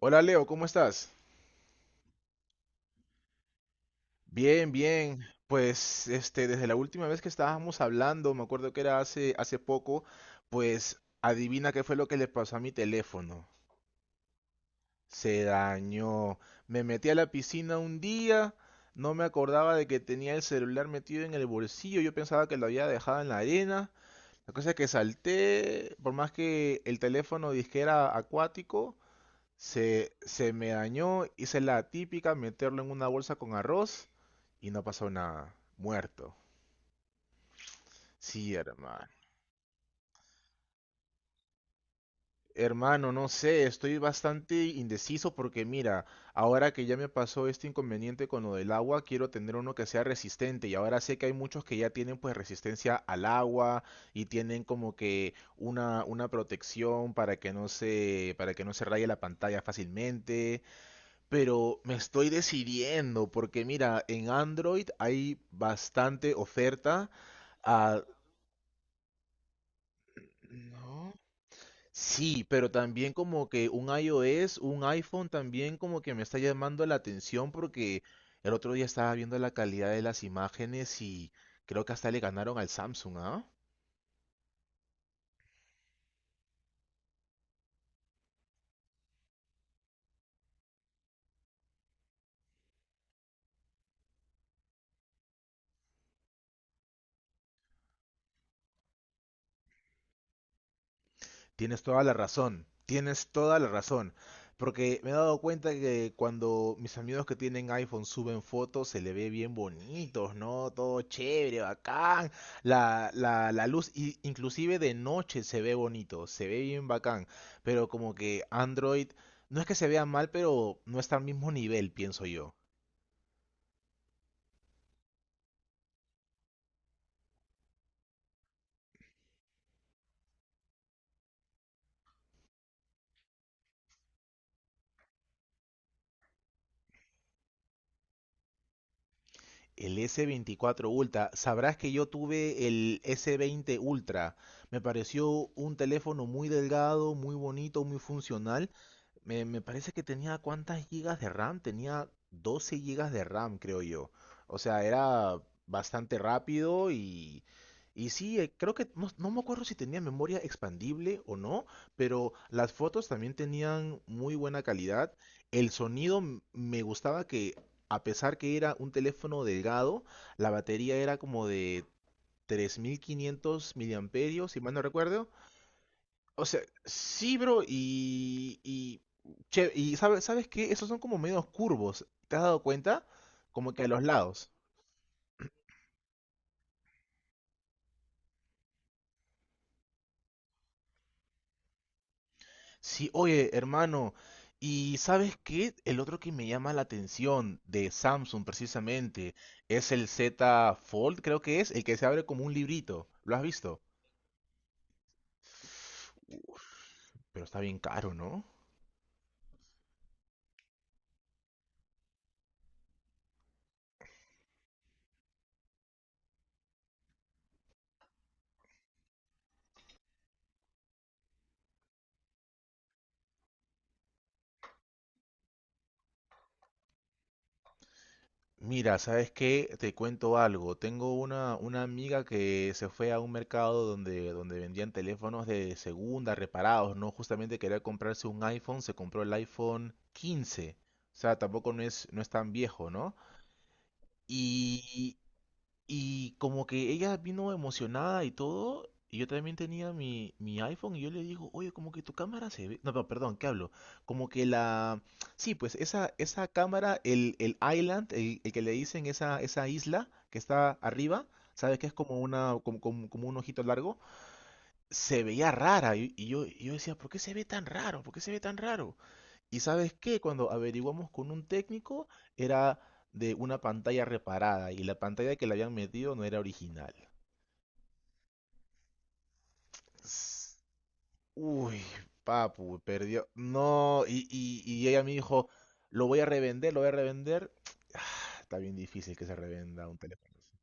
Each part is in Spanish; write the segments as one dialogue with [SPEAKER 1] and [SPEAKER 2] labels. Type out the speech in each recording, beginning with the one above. [SPEAKER 1] Hola Leo, ¿cómo estás? Bien, bien. Pues desde la última vez que estábamos hablando, me acuerdo que era hace poco, pues adivina qué fue lo que le pasó a mi teléfono. Se dañó. Me metí a la piscina un día, no me acordaba de que tenía el celular metido en el bolsillo, yo pensaba que lo había dejado en la arena. La cosa es que salté, por más que el teléfono disque era acuático. Se me dañó, hice la típica, meterlo en una bolsa con arroz y no pasó nada. Muerto. Sí, hermano. Hermano, no sé, estoy bastante indeciso porque mira, ahora que ya me pasó este inconveniente con lo del agua, quiero tener uno que sea resistente y ahora sé que hay muchos que ya tienen pues resistencia al agua y tienen como que una protección para que no se raye la pantalla fácilmente. Pero me estoy decidiendo porque mira, en Android hay bastante oferta. Ah, ¿no? Sí, pero también como que un iOS, un iPhone también como que me está llamando la atención porque el otro día estaba viendo la calidad de las imágenes y creo que hasta le ganaron al Samsung, ¿ah? Tienes toda la razón, tienes toda la razón. Porque me he dado cuenta que cuando mis amigos que tienen iPhone suben fotos, se le ve bien bonitos, ¿no? Todo chévere, bacán. La luz, inclusive de noche se ve bonito, se ve bien bacán. Pero como que Android, no es que se vea mal, pero no está al mismo nivel, pienso yo. El S24 Ultra, sabrás que yo tuve el S20 Ultra. Me pareció un teléfono muy delgado, muy bonito, muy funcional. Me parece que tenía cuántas gigas de RAM, tenía 12 gigas de RAM, creo yo. O sea, era bastante rápido y, y sí, creo que no, no me acuerdo si tenía memoria expandible o no, pero las fotos también tenían muy buena calidad. El sonido me gustaba que, a pesar que era un teléfono delgado, la batería era como de 3500 miliamperios, si mal no recuerdo. O sea, sí, bro, y, ¿sabes qué? Esos son como medios curvos, ¿te has dado cuenta? Como que a los lados. Sí, oye, hermano, y ¿sabes qué? El otro que me llama la atención de Samsung precisamente es el Z Fold, creo que es, el que se abre como un librito. ¿Lo has visto? Pero está bien caro, ¿no? Mira, ¿sabes qué? Te cuento algo. Tengo una amiga que se fue a un mercado donde vendían teléfonos de segunda, reparados, ¿no? Justamente quería comprarse un iPhone, se compró el iPhone 15. O sea, tampoco no es tan viejo, ¿no? Y y como que ella vino emocionada y todo, y yo también tenía mi iPhone y yo le digo, oye, como que tu cámara se ve... No, no, perdón, ¿qué hablo? Como que la... Sí, pues esa cámara, el island, el que le dicen esa isla que está arriba, ¿sabes? Que es como como un ojito largo, se veía rara. Y yo decía, ¿por qué se ve tan raro? ¿Por qué se ve tan raro? Y sabes qué, cuando averiguamos con un técnico, era de una pantalla reparada y la pantalla que le habían metido no era original. S- Uy, papu, perdió. No, y ella me dijo, lo voy a revender, lo voy a revender. Ah, está bien difícil que se revenda un teléfono así.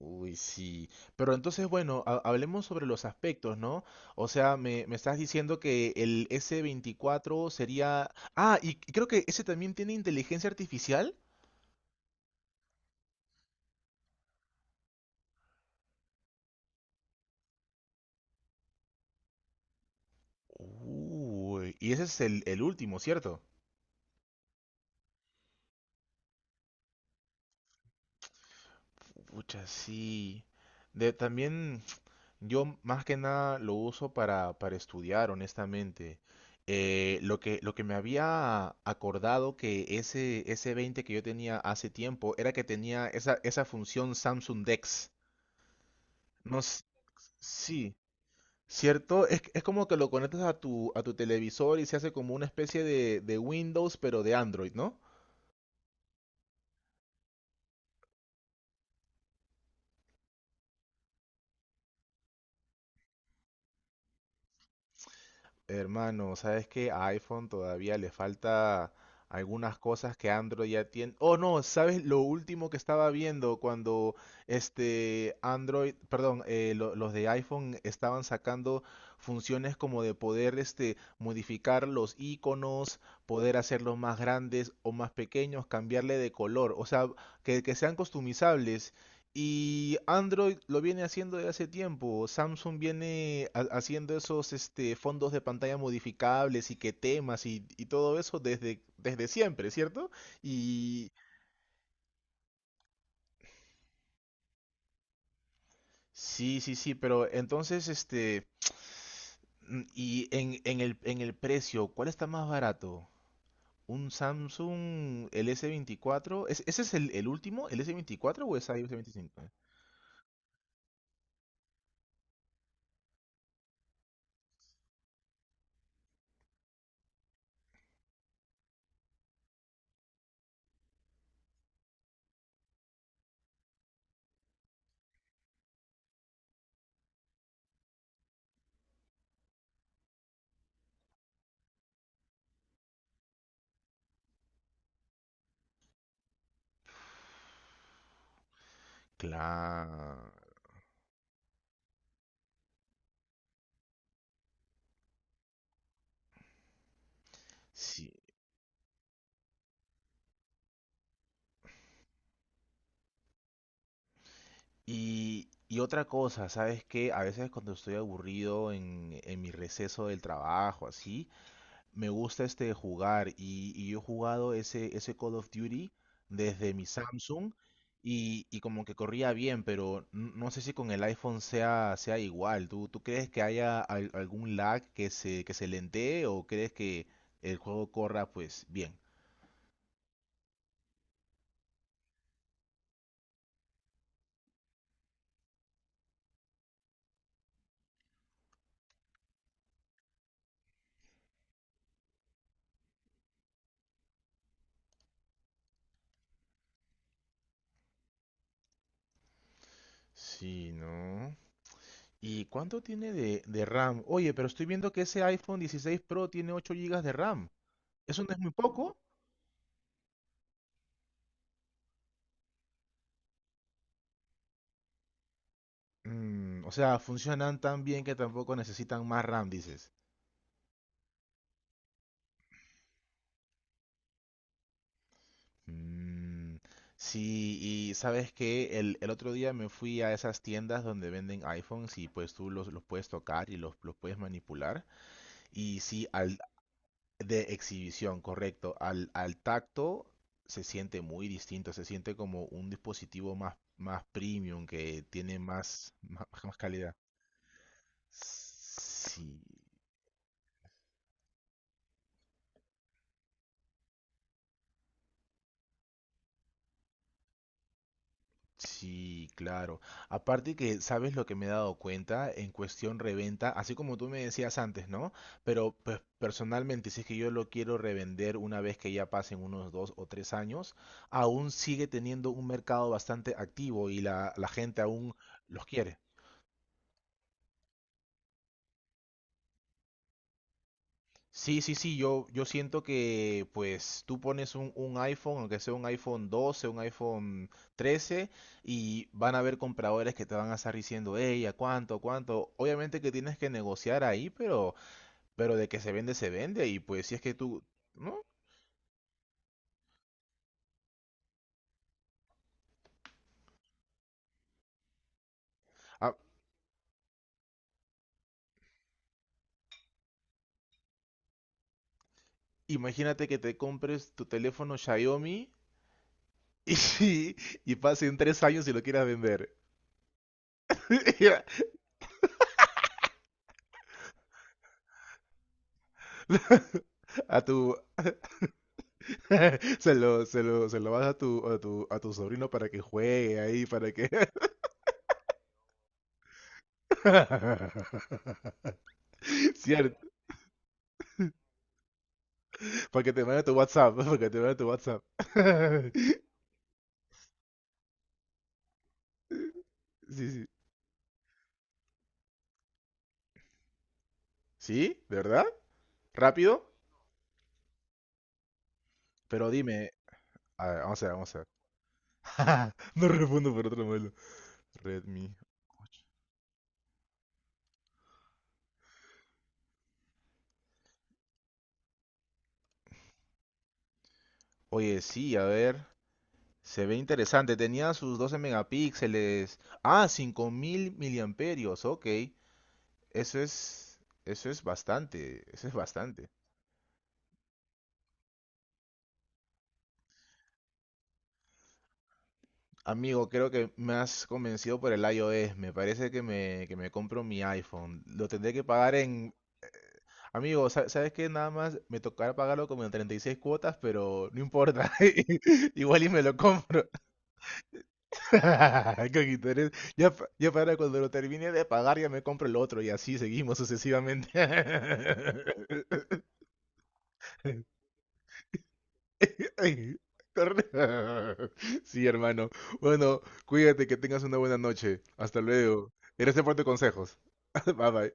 [SPEAKER 1] Uy, sí. Pero entonces, bueno, hablemos sobre los aspectos, ¿no? O sea, me estás diciendo que el S24 sería... Ah, y creo que ese también tiene inteligencia artificial. Uy, y ese es el último, ¿cierto? Pucha, sí. También yo más que nada lo uso para estudiar, honestamente. Lo que me había acordado que ese 20 que yo tenía hace tiempo era que tenía esa función Samsung Dex. No, sí, ¿cierto? Es como que lo conectas a tu televisor y se hace como una especie de Windows, pero de Android, ¿no? Hermano, ¿sabes qué? A iPhone todavía le falta algunas cosas que Android ya tiene. Oh, no, ¿sabes lo último que estaba viendo cuando este Android, perdón, los de iPhone estaban sacando funciones como de poder modificar los iconos, poder hacerlos más grandes o más pequeños, cambiarle de color, o sea, que sean customizables y Android lo viene haciendo desde hace tiempo. Samsung viene haciendo esos fondos de pantalla modificables y que temas y todo eso desde siempre, ¿cierto? Y sí, sí, sí, pero entonces, y en el precio, ¿cuál está más barato? ¿Un Samsung el S24? ¿Ese es el último? ¿El S24 o es iOS 25? Claro. Sí. Y otra cosa, ¿sabes qué? A veces cuando estoy aburrido en mi receso del trabajo, así, me gusta jugar y yo he jugado ese Call of Duty desde mi Samsung y como que corría bien, pero no sé si con el iPhone sea igual. ¿Tú crees que haya algún lag que se lentee o crees que el juego corra pues bien? Sí, ¿no? ¿Y cuánto tiene de RAM? Oye, pero estoy viendo que ese iPhone 16 Pro tiene 8 gigas de RAM. ¿Eso no es muy poco? O sea, funcionan tan bien que tampoco necesitan más RAM, dices. Mm, sí, y sabes que el otro día me fui a esas tiendas donde venden iPhones y pues tú los puedes tocar y los puedes manipular. Y sí, de exhibición, correcto. Al tacto se siente muy distinto, se siente como un dispositivo más, más premium que tiene más, más, más calidad. Sí, sí, claro. Aparte que, ¿sabes lo que me he dado cuenta? En cuestión reventa, así como tú me decías antes, ¿no? Pero pues personalmente, si es que yo lo quiero revender una vez que ya pasen unos 2 o 3 años, aún sigue teniendo un mercado bastante activo y la gente aún los quiere. Sí, sí, sí, yo siento que pues tú pones un iPhone, aunque sea un iPhone 12, un iPhone 13, y van a haber compradores que te van a estar diciendo, hey, ¿a cuánto, a cuánto? Obviamente que tienes que negociar ahí, pero de que se vende, y pues si es que tú, ¿no? Ah, imagínate que te compres tu teléfono Xiaomi y, y pasen 3 años y lo quieras vender. A tu, Se lo vas a tu sobrino para que juegue ahí, para que... Cierto, para que te mande tu WhatsApp, para que te mande tu WhatsApp. Sí, sí. ¿Sí? ¿De verdad? ¿Rápido? Pero dime... A ver, vamos a ver, vamos a ver. No respondo por otro modelo. Redmi 8. Oye, sí, a ver. Se ve interesante. Tenía sus 12 megapíxeles. Ah, 5000 miliamperios. Ok. Eso es, eso es bastante, eso es bastante. Amigo, creo que me has convencido por el iOS. Me parece que que me compro mi iPhone. Lo tendré que pagar en... Amigo, ¿sabes qué? Nada más me tocará pagarlo como en 36 cuotas, pero no importa. Igual y me lo compro. Coquito, eres- Ya, ya para cuando lo termine de pagar, ya me compro el otro y así seguimos sucesivamente. Ay, torneo. Sí, hermano. Bueno, cuídate, que tengas una buena noche. Hasta luego. Gracias por tus consejos. Bye bye.